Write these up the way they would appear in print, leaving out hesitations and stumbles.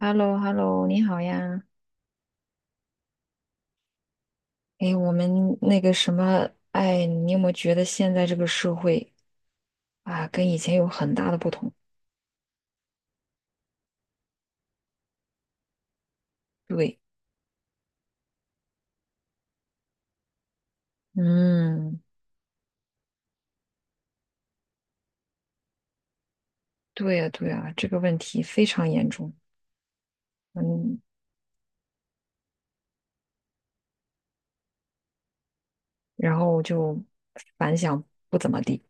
h e l l o h e l l o 你好呀。哎，我们那个什么，哎，你有没有觉得现在这个社会啊，跟以前有很大的不同？对，嗯，对呀，对呀，这个问题非常严重。嗯，然后就反响不怎么地。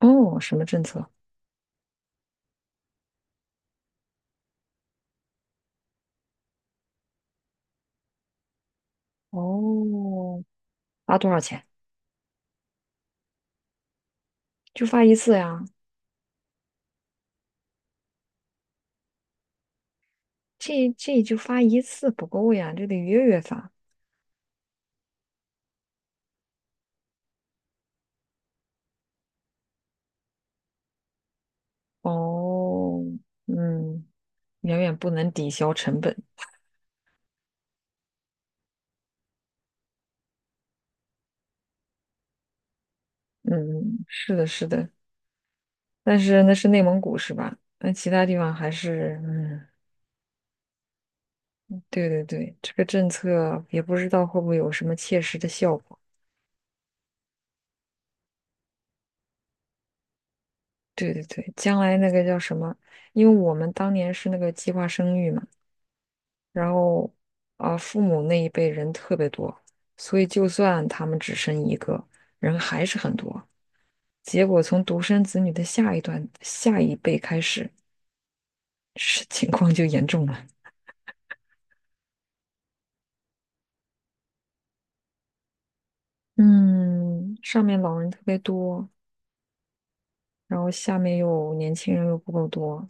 哦，什么政策？哦，发多少钱？就发一次呀？这就发一次不够呀，这得月月发。哦，嗯，远远不能抵消成本。嗯，是的，是的，但是那是内蒙古是吧？那其他地方还是，嗯，对对对，这个政策也不知道会不会有什么切实的效果。对对对，将来那个叫什么？因为我们当年是那个计划生育嘛，然后啊，父母那一辈人特别多，所以就算他们只生一个人，还是很多。结果从独生子女的下一辈开始，是情况就严重了。嗯，上面老人特别多，然后下面又年轻人又不够多，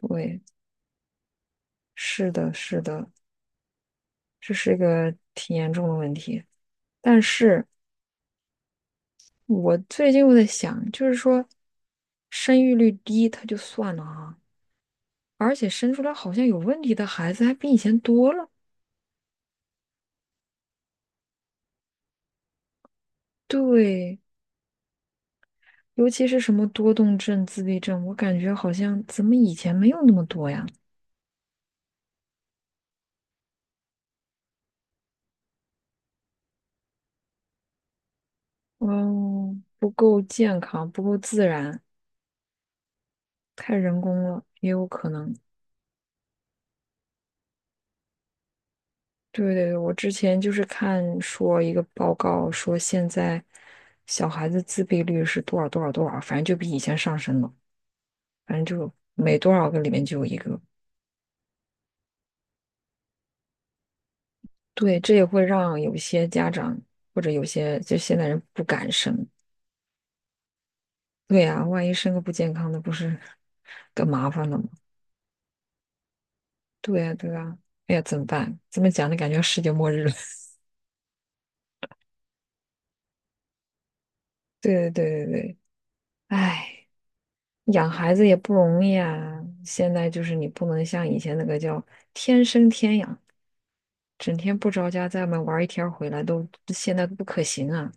对，是的，是的，这是一个挺严重的问题。但是我最近又在想，就是说生育率低，它就算了啊，而且生出来好像有问题的孩子还比以前多了。对，尤其是什么多动症、自闭症，我感觉好像怎么以前没有那么多呀？嗯，不够健康，不够自然，太人工了，也有可能。对对对，我之前就是看说一个报告说，现在小孩子自闭率是多少多少多少，反正就比以前上升了，反正就每多少个里面就有一个。对，这也会让有些家长或者有些就现在人不敢生。对呀，万一生个不健康的，不是更麻烦了吗？对呀，对呀，哎呀，怎么办？这么讲的感觉世界末日了。对对对对对，哎。养孩子也不容易啊，现在就是你不能像以前那个叫天生天养，整天不着家在外面玩一天儿回来都现在不可行啊。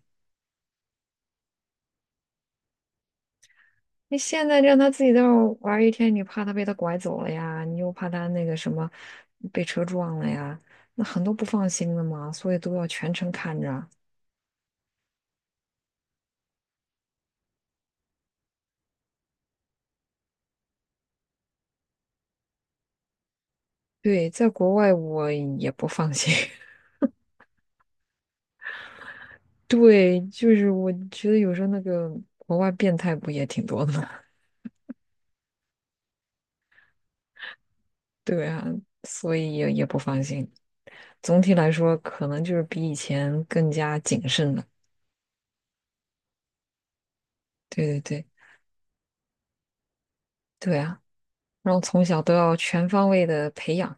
你现在让他自己在外玩一天，你怕他被他拐走了呀，你又怕他那个什么被车撞了呀，那很多不放心的嘛，所以都要全程看着啊。对，在国外我也不放心。对，就是我觉得有时候那个国外变态不也挺多的吗？对啊，所以也不放心。总体来说，可能就是比以前更加谨慎了。对对对，对啊，然后从小都要全方位的培养，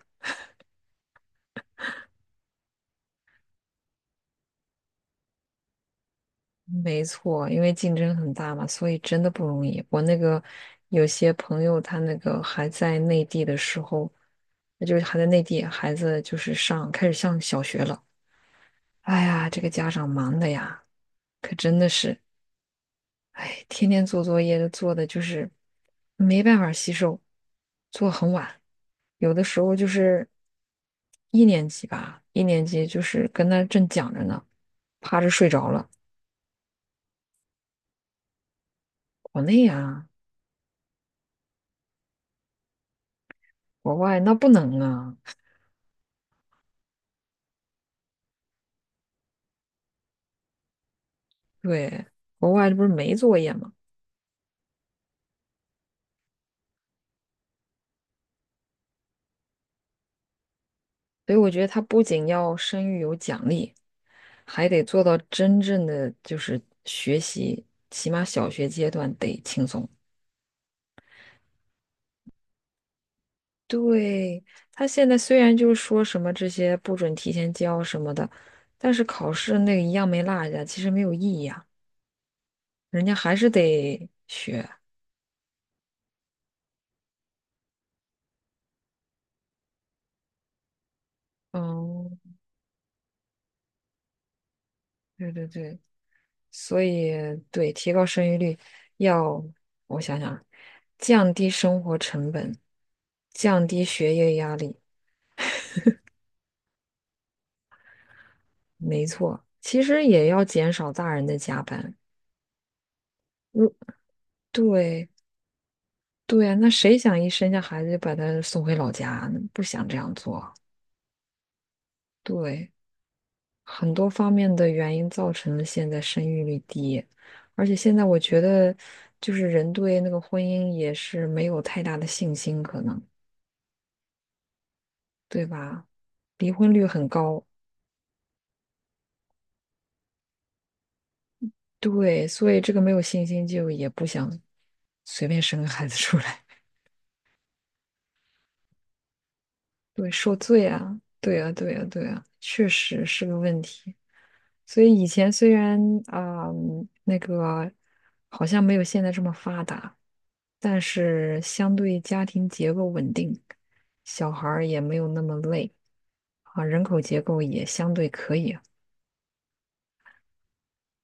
没错，因为竞争很大嘛，所以真的不容易。我那个有些朋友，他那个还在内地的时候，那就是还在内地，孩子就是上，开始上小学了。哎呀，这个家长忙的呀，可真的是。哎，天天做作业做的就是没办法吸收，做很晚，有的时候就是一年级吧，一年级就是跟他正讲着呢，趴着睡着了。国内啊，国外那不能啊，对，国外这不是没作业吗？所以我觉得他不仅要声誉有奖励，还得做到真正的就是学习，起码小学阶段得轻松。对，他现在虽然就是说什么这些不准提前交什么的，但是考试那个一样没落下，其实没有意义啊，人家还是得学。嗯，对对对，所以对提高生育率要，我想想，降低生活成本，降低学业压力，没错，其实也要减少大人的加班。如对对啊，那谁想一生下孩子就把他送回老家呢？不想这样做。对，很多方面的原因造成了现在生育率低，而且现在我觉得，就是人对那个婚姻也是没有太大的信心，可能，对吧？离婚率很高，对，所以这个没有信心就也不想随便生个孩子出来。对，受罪啊，对啊，对啊，对啊，确实是个问题。所以以前虽然啊、那个好像没有现在这么发达，但是相对家庭结构稳定，小孩儿也没有那么累啊，人口结构也相对可以啊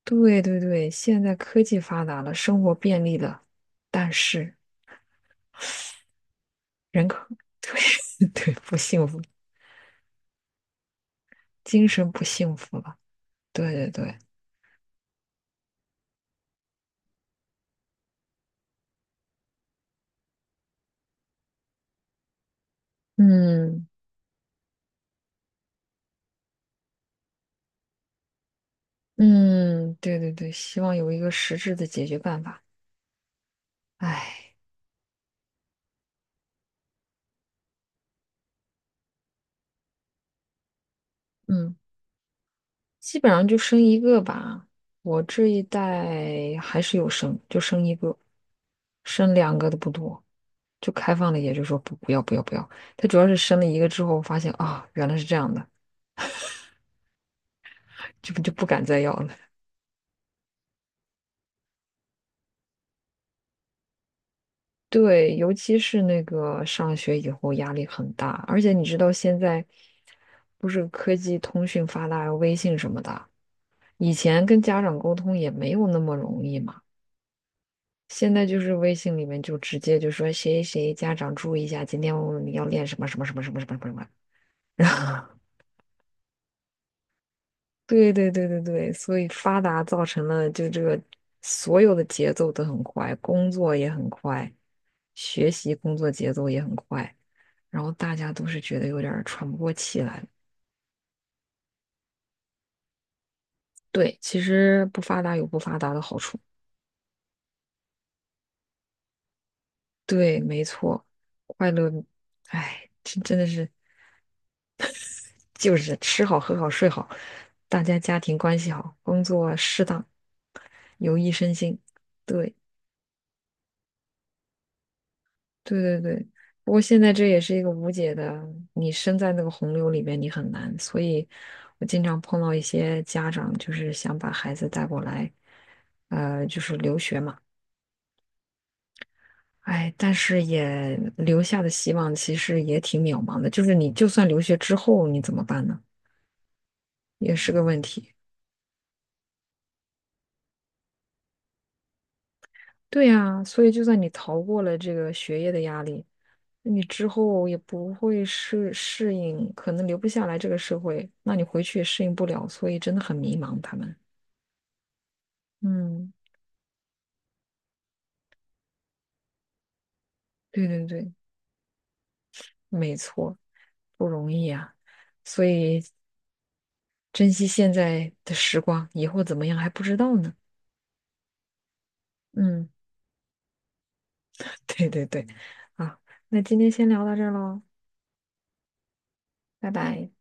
对对对，现在科技发达了，生活便利了，但是人口 对对不幸福，精神不幸福了。对对对，嗯。嗯，对对对，希望有一个实质的解决办法。唉，嗯，基本上就生一个吧。我这一代还是有生，就生一个，生两个的不多，就开放了，也就说不不要不要不要。他主要是生了一个之后，发现啊，原来是这样的，就不敢再要了。对，尤其是那个上学以后压力很大，而且你知道现在不是科技通讯发达，微信什么的。以前跟家长沟通也没有那么容易嘛，现在就是微信里面就直接就说谁谁家长注意一下，今天我们要练什么什么什么什么什么什么。然后，对对对对对，所以发达造成了就这个所有的节奏都很快，工作也很快，学习工作节奏也很快，然后大家都是觉得有点儿喘不过气来了。对，其实不发达有不发达的好处。对，没错，快乐，哎，真的是。就是吃好、喝好、睡好，大家家庭关系好，工作适当，有益身心。对，对对对。不过现在这也是一个无解的，你身在那个洪流里面，你很难。所以我经常碰到一些家长，就是想把孩子带过来，就是留学嘛。哎，但是也留下的希望其实也挺渺茫的，就是你就算留学之后，你怎么办呢？也是个问题。对呀，所以就算你逃过了这个学业的压力，那你之后也不会适应，可能留不下来这个社会，那你回去也适应不了，所以真的很迷茫。他们，嗯，对对对，没错，不容易啊。所以珍惜现在的时光，以后怎么样还不知道呢。嗯，对对对，啊，那今天先聊到这儿喽，拜拜。